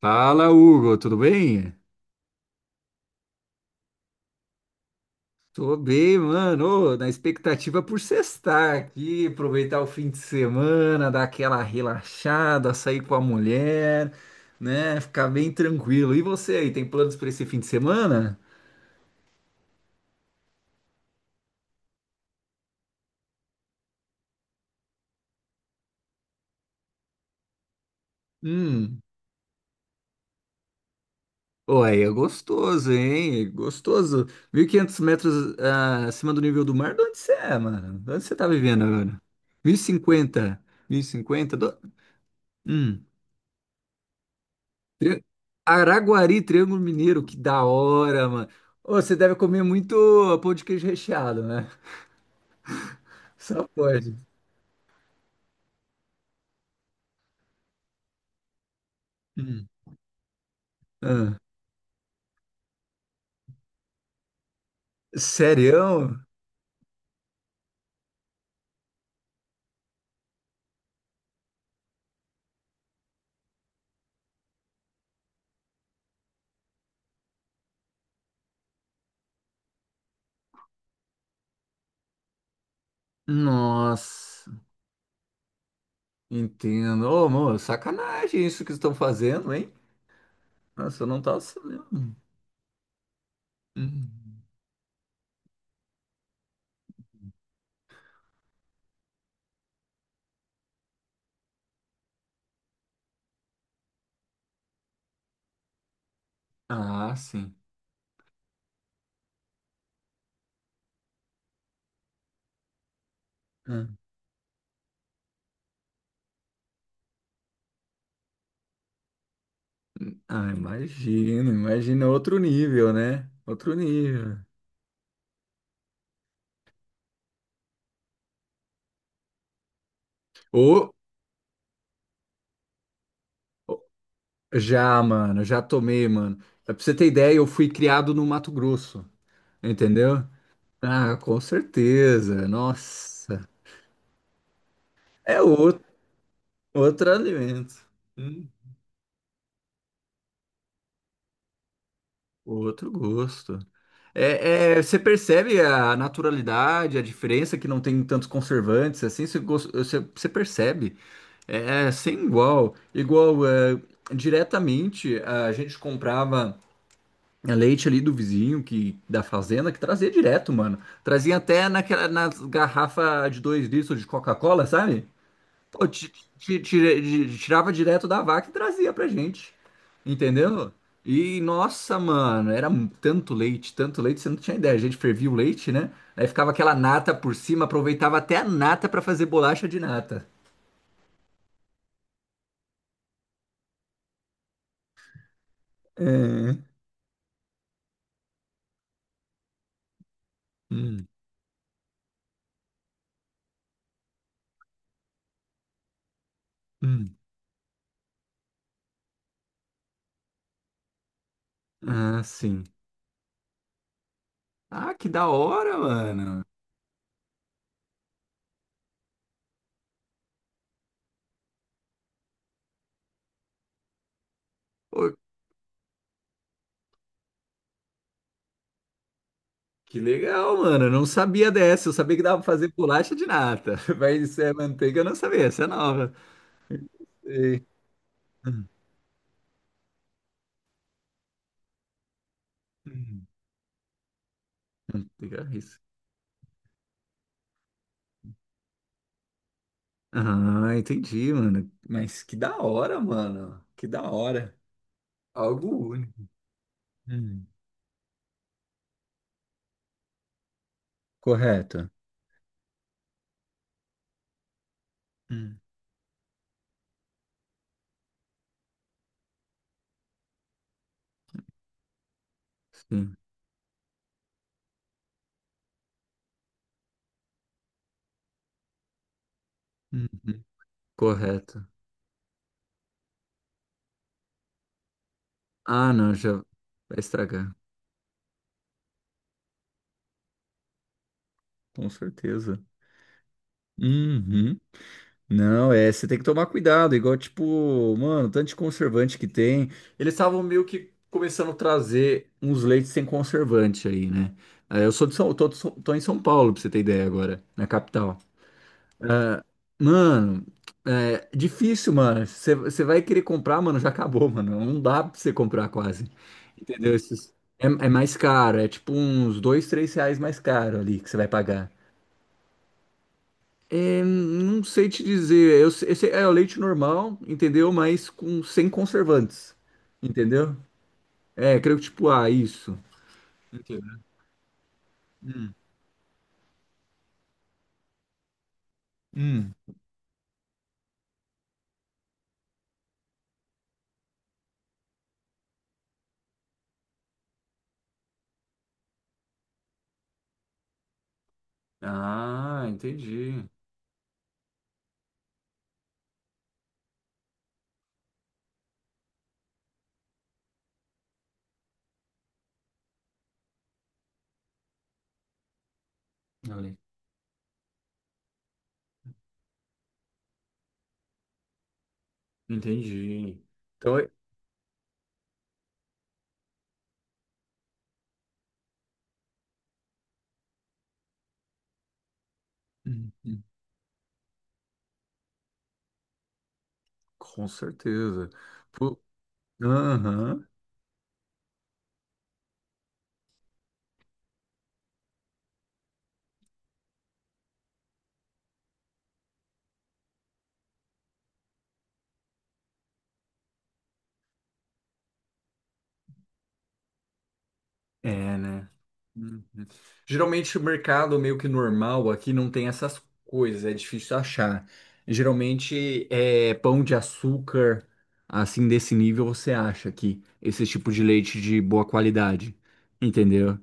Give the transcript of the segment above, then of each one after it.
Fala, Hugo, tudo bem? Tô bem, mano. Ô, na expectativa por sextar aqui, aproveitar o fim de semana, dar aquela relaxada, sair com a mulher, né? Ficar bem tranquilo. E você aí, tem planos para esse fim de semana? Hum. Ô, aí é gostoso, hein? É gostoso. 1.500 metros acima do nível do mar, de onde você é, mano? De onde você tá vivendo agora? 1.050? 1.050? Hum. Tri- Araguari, Triângulo Mineiro, que da hora, mano. Ô, você deve comer muito pão de queijo recheado, né? Só pode. Hum. Ah, sério? Nossa, entendo. Ô, amor, sacanagem isso que estão fazendo, hein? Nossa, eu não tava sabendo. Hum. Ah, sim. Ah. Ah, imagino, imagina outro nível, né? Outro nível. Ô, ô, já, mano, já tomei, mano. Pra você ter ideia, eu fui criado no Mato Grosso. Entendeu? Ah, com certeza. Nossa. É outro, outro alimento. Hum, outro gosto. É, é, você percebe a naturalidade, a diferença que não tem tantos conservantes, assim, você, você, você percebe. É, é sem igual. Igual, é, diretamente, a gente comprava leite ali do vizinho, que da fazenda, que trazia direto, mano. Trazia até naquela, nas garrafas de 2 litros de Coca-Cola, sabe? Pô, ti- tire- tirava direto da vaca e trazia pra gente. Entendeu? E nossa, mano, era tanto leite, você não tinha ideia. A gente fervia o leite, né? Aí ficava aquela nata por cima, aproveitava até a nata pra fazer bolacha de nata. É. Hum, hum. Ah, sim. Ah, que da hora, mano. Pô, que legal, mano. Eu não sabia dessa. Eu sabia que dava pra fazer bolacha de nata. Mas isso é manteiga, eu não sabia. Essa é nova. Sei. Hum, hum. Manteiga, ah, entendi, mano. Mas que da hora, mano. Que da hora. Algo único. Hum, correto. Hum, Sim, uhum, correto. Ah, não, já vai estragar. Com certeza. Uhum. Não, é, você tem que tomar cuidado, igual, tipo, mano, tanto de conservante que tem. Eles estavam meio que começando a trazer uns leites sem conservante aí, né? Ah, eu sou de São, tô, de tô em São Paulo, pra você ter ideia agora, na capital. Mano, é difícil, mano. Você vai querer comprar, mano, já acabou, mano. Não dá pra você comprar quase. Entendeu? É, é mais caro, é tipo uns dois, três reais mais caro ali que você vai pagar. É, não sei te dizer. É o leite normal, entendeu? Mas com sem conservantes. Entendeu? É, creio que tipo, ah, isso. Entendeu? Hum. Hum. Ah, entendi. Olha. Entendi. Então, é- hum, hum, com certeza. Aham, é, né? Uhum. Geralmente o mercado meio que normal aqui não tem essas coisas, é difícil achar. Geralmente é pão de açúcar, assim desse nível você acha aqui, esse tipo de leite de boa qualidade, entendeu?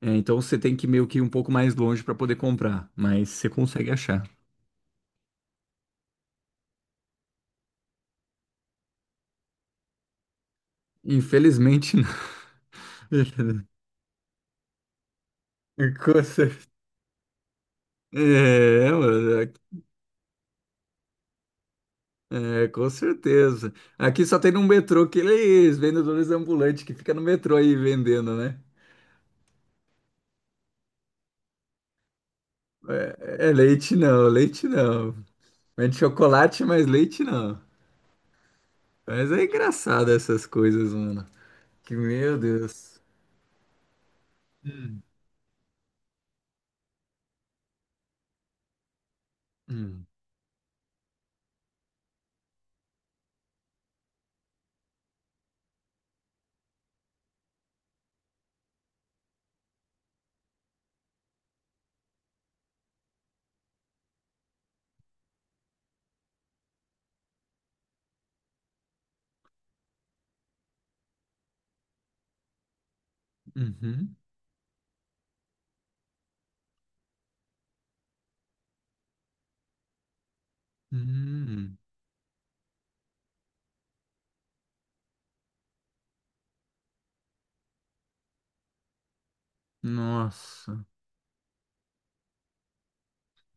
É, então você tem que meio que ir um pouco mais longe para poder comprar, mas você consegue achar. Infelizmente não. Com certeza. É, mano, é, com certeza. Aqui só tem no metrô aqueles vendedores ambulantes que fica no metrô aí vendendo, né? É, é leite não, leite não. Vende chocolate, mas leite não. Mas é engraçado essas coisas, mano. Que meu Deus. Hum, uhum, hum. Nossa,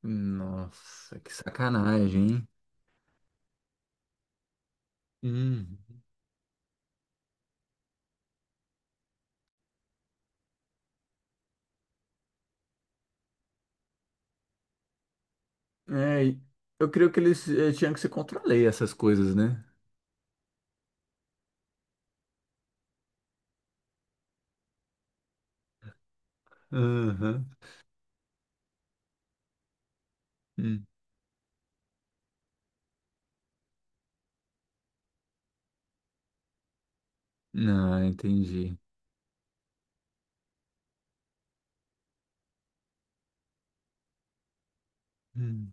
nossa, que sacanagem, hein? Hum. É, e eu creio que eles tinham que se controlar essas coisas, né? Aham. Hum. Não, entendi. Hum.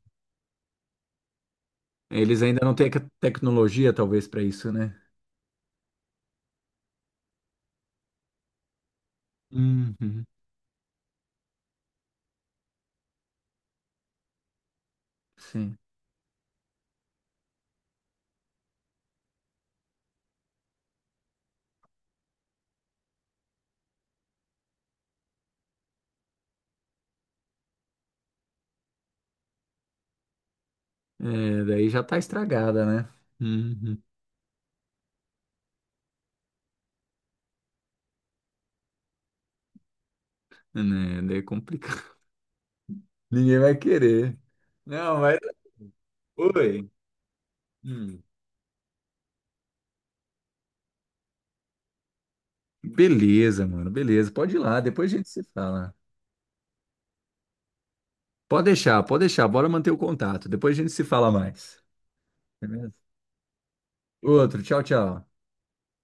Eles ainda não têm a tecnologia, talvez, para isso, né? Uhum, sim. É, daí já tá estragada, né? Uhum. Né, daí é complicado. Ninguém vai querer. Não, mas. Oi. Hum. Beleza, mano, beleza. Pode ir lá, depois a gente se fala. Pode deixar, pode deixar. Bora manter o contato. Depois a gente se fala mais. Beleza? Outro, tchau, tchau.